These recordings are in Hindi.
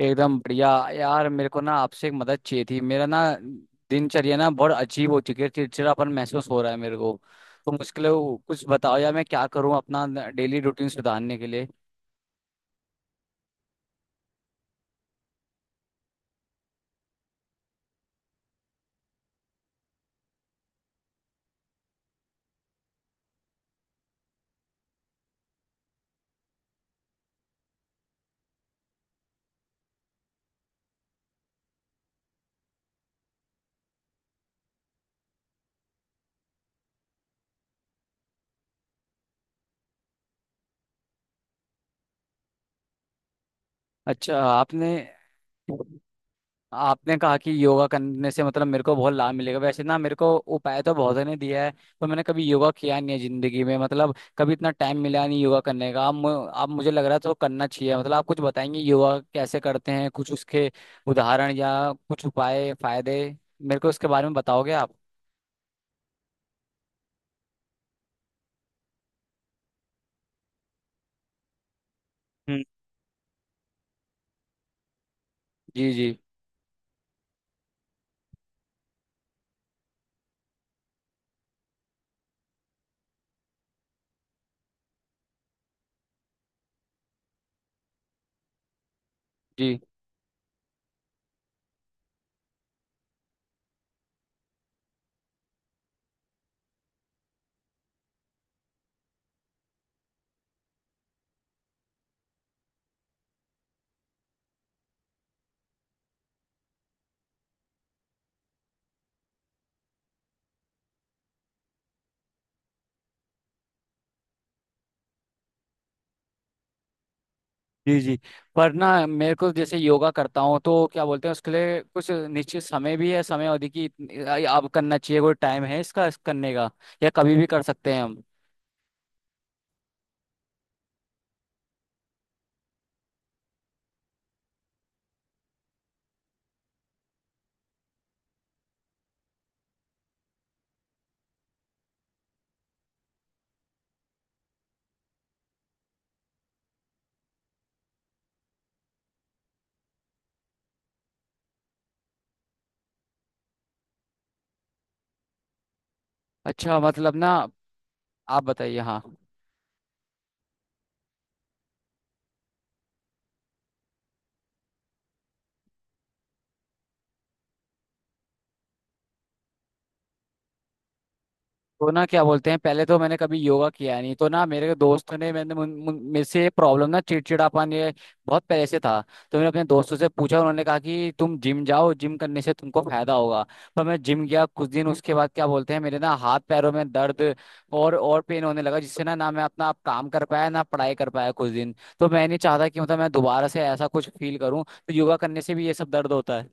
एकदम बढ़िया। यार मेरे को ना आपसे एक मदद चाहिए थी। मेरा ना दिनचर्या ना बहुत अजीब हो चुकी है। चिड़चिड़ापन महसूस हो रहा है मेरे को। तो मुश्किल है वो, कुछ बताओ यार मैं क्या करूँ अपना डेली रूटीन सुधारने के लिए। अच्छा, आपने आपने कहा कि योगा करने से मतलब मेरे को बहुत लाभ मिलेगा। वैसे ना मेरे को उपाय तो बहुत ने दिया है। पर मैंने कभी योगा किया नहीं है जिंदगी में। मतलब कभी इतना टाइम मिला नहीं योगा करने का। अब मुझे लग रहा है तो करना चाहिए। मतलब आप कुछ बताएंगे योगा कैसे करते हैं, कुछ उसके उदाहरण या कुछ उपाय फायदे मेरे को उसके बारे में बताओगे आप? हम्म। जी जी जी। जी जी। पर ना मेरे को जैसे योगा करता हूँ तो क्या बोलते हैं, उसके लिए कुछ निश्चित समय भी है, समय अवधि की अब करना चाहिए कोई टाइम है इसका इस करने का, या कभी भी कर सकते हैं हम? अच्छा मतलब ना। आप बताइए। हाँ। तो ना क्या बोलते हैं, पहले तो मैंने कभी योगा किया नहीं। तो ना मेरे दोस्तों ने मेरे से ये प्रॉब्लम ना चिड़चिड़ापन ये बहुत पहले से था। तो मैंने अपने दोस्तों से पूछा। उन्होंने कहा कि तुम जिम जाओ, जिम करने से तुमको फायदा होगा। पर मैं जिम गया कुछ दिन। उसके बाद क्या बोलते हैं, मेरे ना हाथ पैरों में दर्द और पेन होने लगा, जिससे ना ना मैं अपना आप काम कर पाया ना पढ़ाई कर पाया कुछ दिन। तो मैं नहीं चाहता कि मतलब मैं दोबारा से ऐसा कुछ फील करूं। तो योगा करने से भी ये सब दर्द होता है?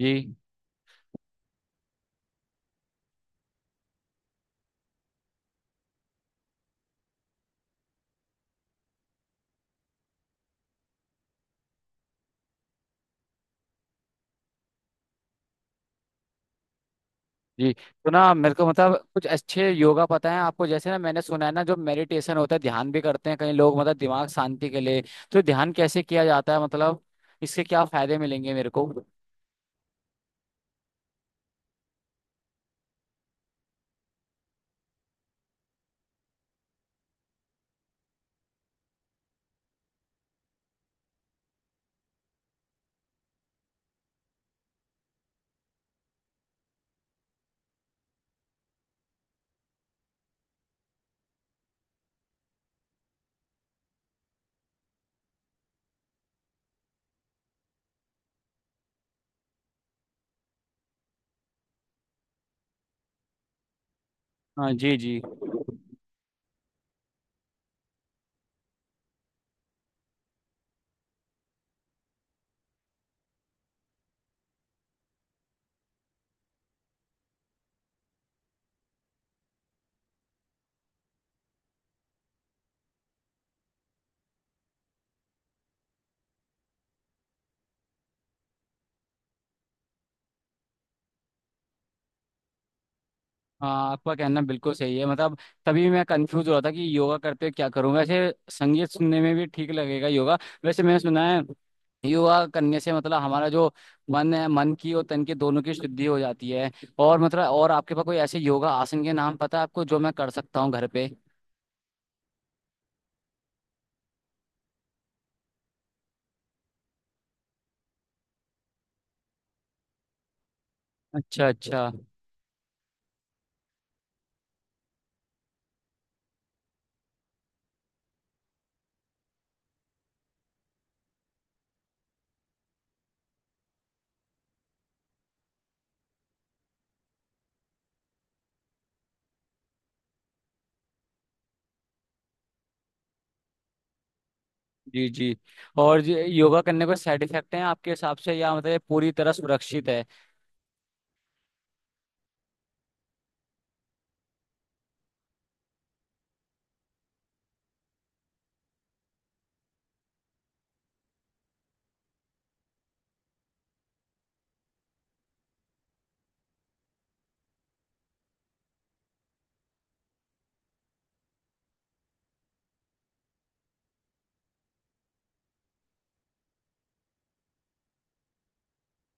जी जी। तो ना मेरे को मतलब कुछ अच्छे योगा पता है आपको? जैसे ना मैंने सुना है ना, जो मेडिटेशन होता है ध्यान भी करते हैं कई लोग मतलब दिमाग शांति के लिए। तो ध्यान कैसे किया जाता है मतलब? इससे क्या फायदे मिलेंगे मेरे को? हाँ जी जी। हाँ आपका कहना बिल्कुल सही है मतलब। तभी मैं कंफ्यूज हो रहा था कि योगा करते हुए क्या करूँ वैसे। संगीत सुनने में भी ठीक लगेगा योगा। वैसे मैंने सुना है योगा करने से मतलब हमारा जो मन है, मन की और तन की दोनों की शुद्धि हो जाती है। और मतलब और आपके पास कोई ऐसे योगा आसन के नाम पता है आपको जो मैं कर सकता हूँ घर पे? अच्छा अच्छा। जी जी। और ये योगा करने को साइड इफेक्ट हैं आपके हिसाब से, या मतलब ये पूरी तरह सुरक्षित है?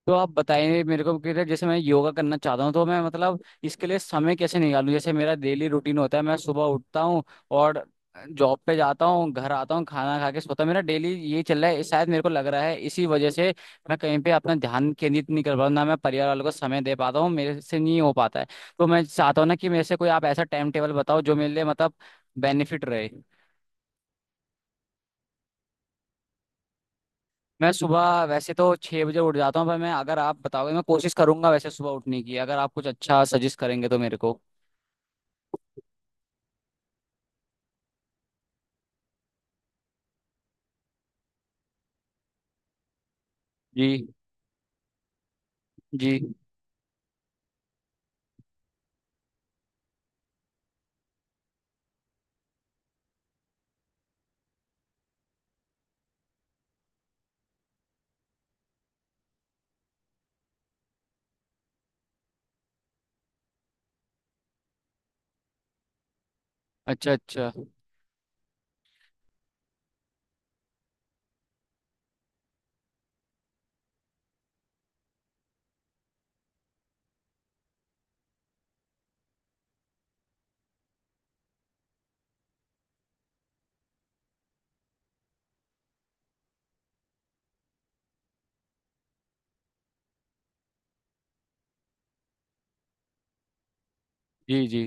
तो आप बताइए मेरे को कि जैसे मैं योगा करना चाहता हूँ तो मैं मतलब इसके लिए समय कैसे निकालूं। जैसे मेरा डेली रूटीन होता है, मैं सुबह उठता हूँ और जॉब पे जाता हूँ, घर आता हूँ, खाना खा के सोता हूँ। मेरा डेली ये चल रहा है। शायद मेरे को लग रहा है इसी वजह से मैं कहीं पे अपना ध्यान केंद्रित नहीं कर पा रहा हूं, ना मैं परिवार वालों को समय दे पाता हूँ, मेरे से नहीं हो पाता है। तो मैं चाहता हूँ ना कि मेरे से कोई आप ऐसा टाइम टेबल बताओ जो मेरे लिए मतलब बेनिफिट रहे। मैं सुबह वैसे तो 6 बजे उठ जाता हूँ। पर मैं अगर आप बताओगे मैं कोशिश करूंगा वैसे सुबह उठने की, अगर आप कुछ अच्छा सजेस्ट करेंगे तो मेरे को। जी जी। अच्छा अच्छा। जी जी।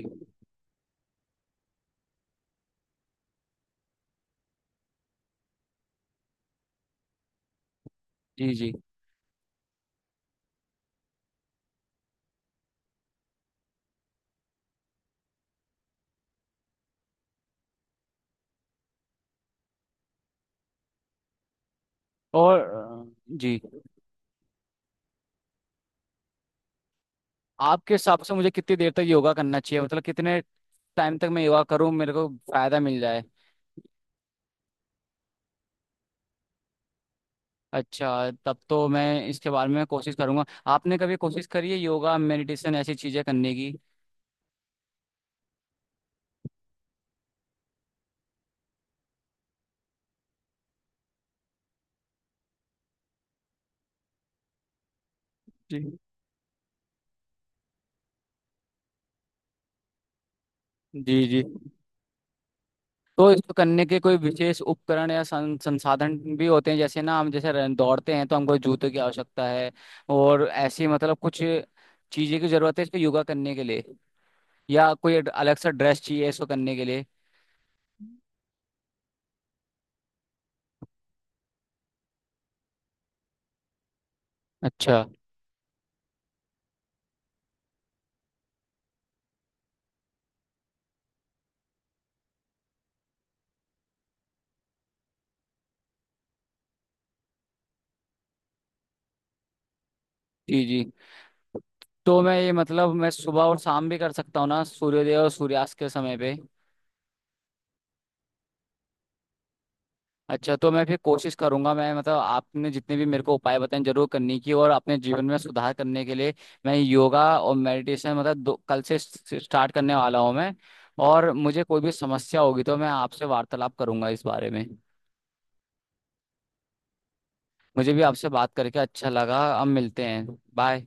जी जी। और जी। आपके हिसाब से मुझे कितनी देर तक योगा करना चाहिए मतलब? कितने टाइम तक मैं योगा करूँ मेरे को फायदा मिल जाए? अच्छा तब तो मैं इसके बारे में कोशिश करूंगा। आपने कभी कोशिश करी है योगा मेडिटेशन ऐसी चीजें करने की? जी जी जी। तो इसको करने के कोई विशेष उपकरण या संसाधन भी होते हैं? जैसे ना हम जैसे दौड़ते हैं तो हमको जूते की आवश्यकता है। और ऐसी मतलब कुछ चीजें की जरूरत है इसको योगा करने के लिए? या कोई अलग सा ड्रेस चाहिए इसको करने के लिए? अच्छा। जी जी। तो मैं ये मतलब मैं सुबह और शाम भी कर सकता हूँ ना, सूर्योदय और सूर्यास्त के समय पे? अच्छा तो मैं फिर कोशिश करूंगा। मैं मतलब आपने जितने भी मेरे को उपाय बताए जरूर करने की और अपने जीवन में सुधार करने के लिए मैं योगा और मेडिटेशन मतलब कल से स्टार्ट करने वाला हूँ मैं। और मुझे कोई भी समस्या होगी तो मैं आपसे वार्तालाप करूंगा इस बारे में। मुझे भी आपसे बात करके अच्छा लगा। अब मिलते हैं। बाय।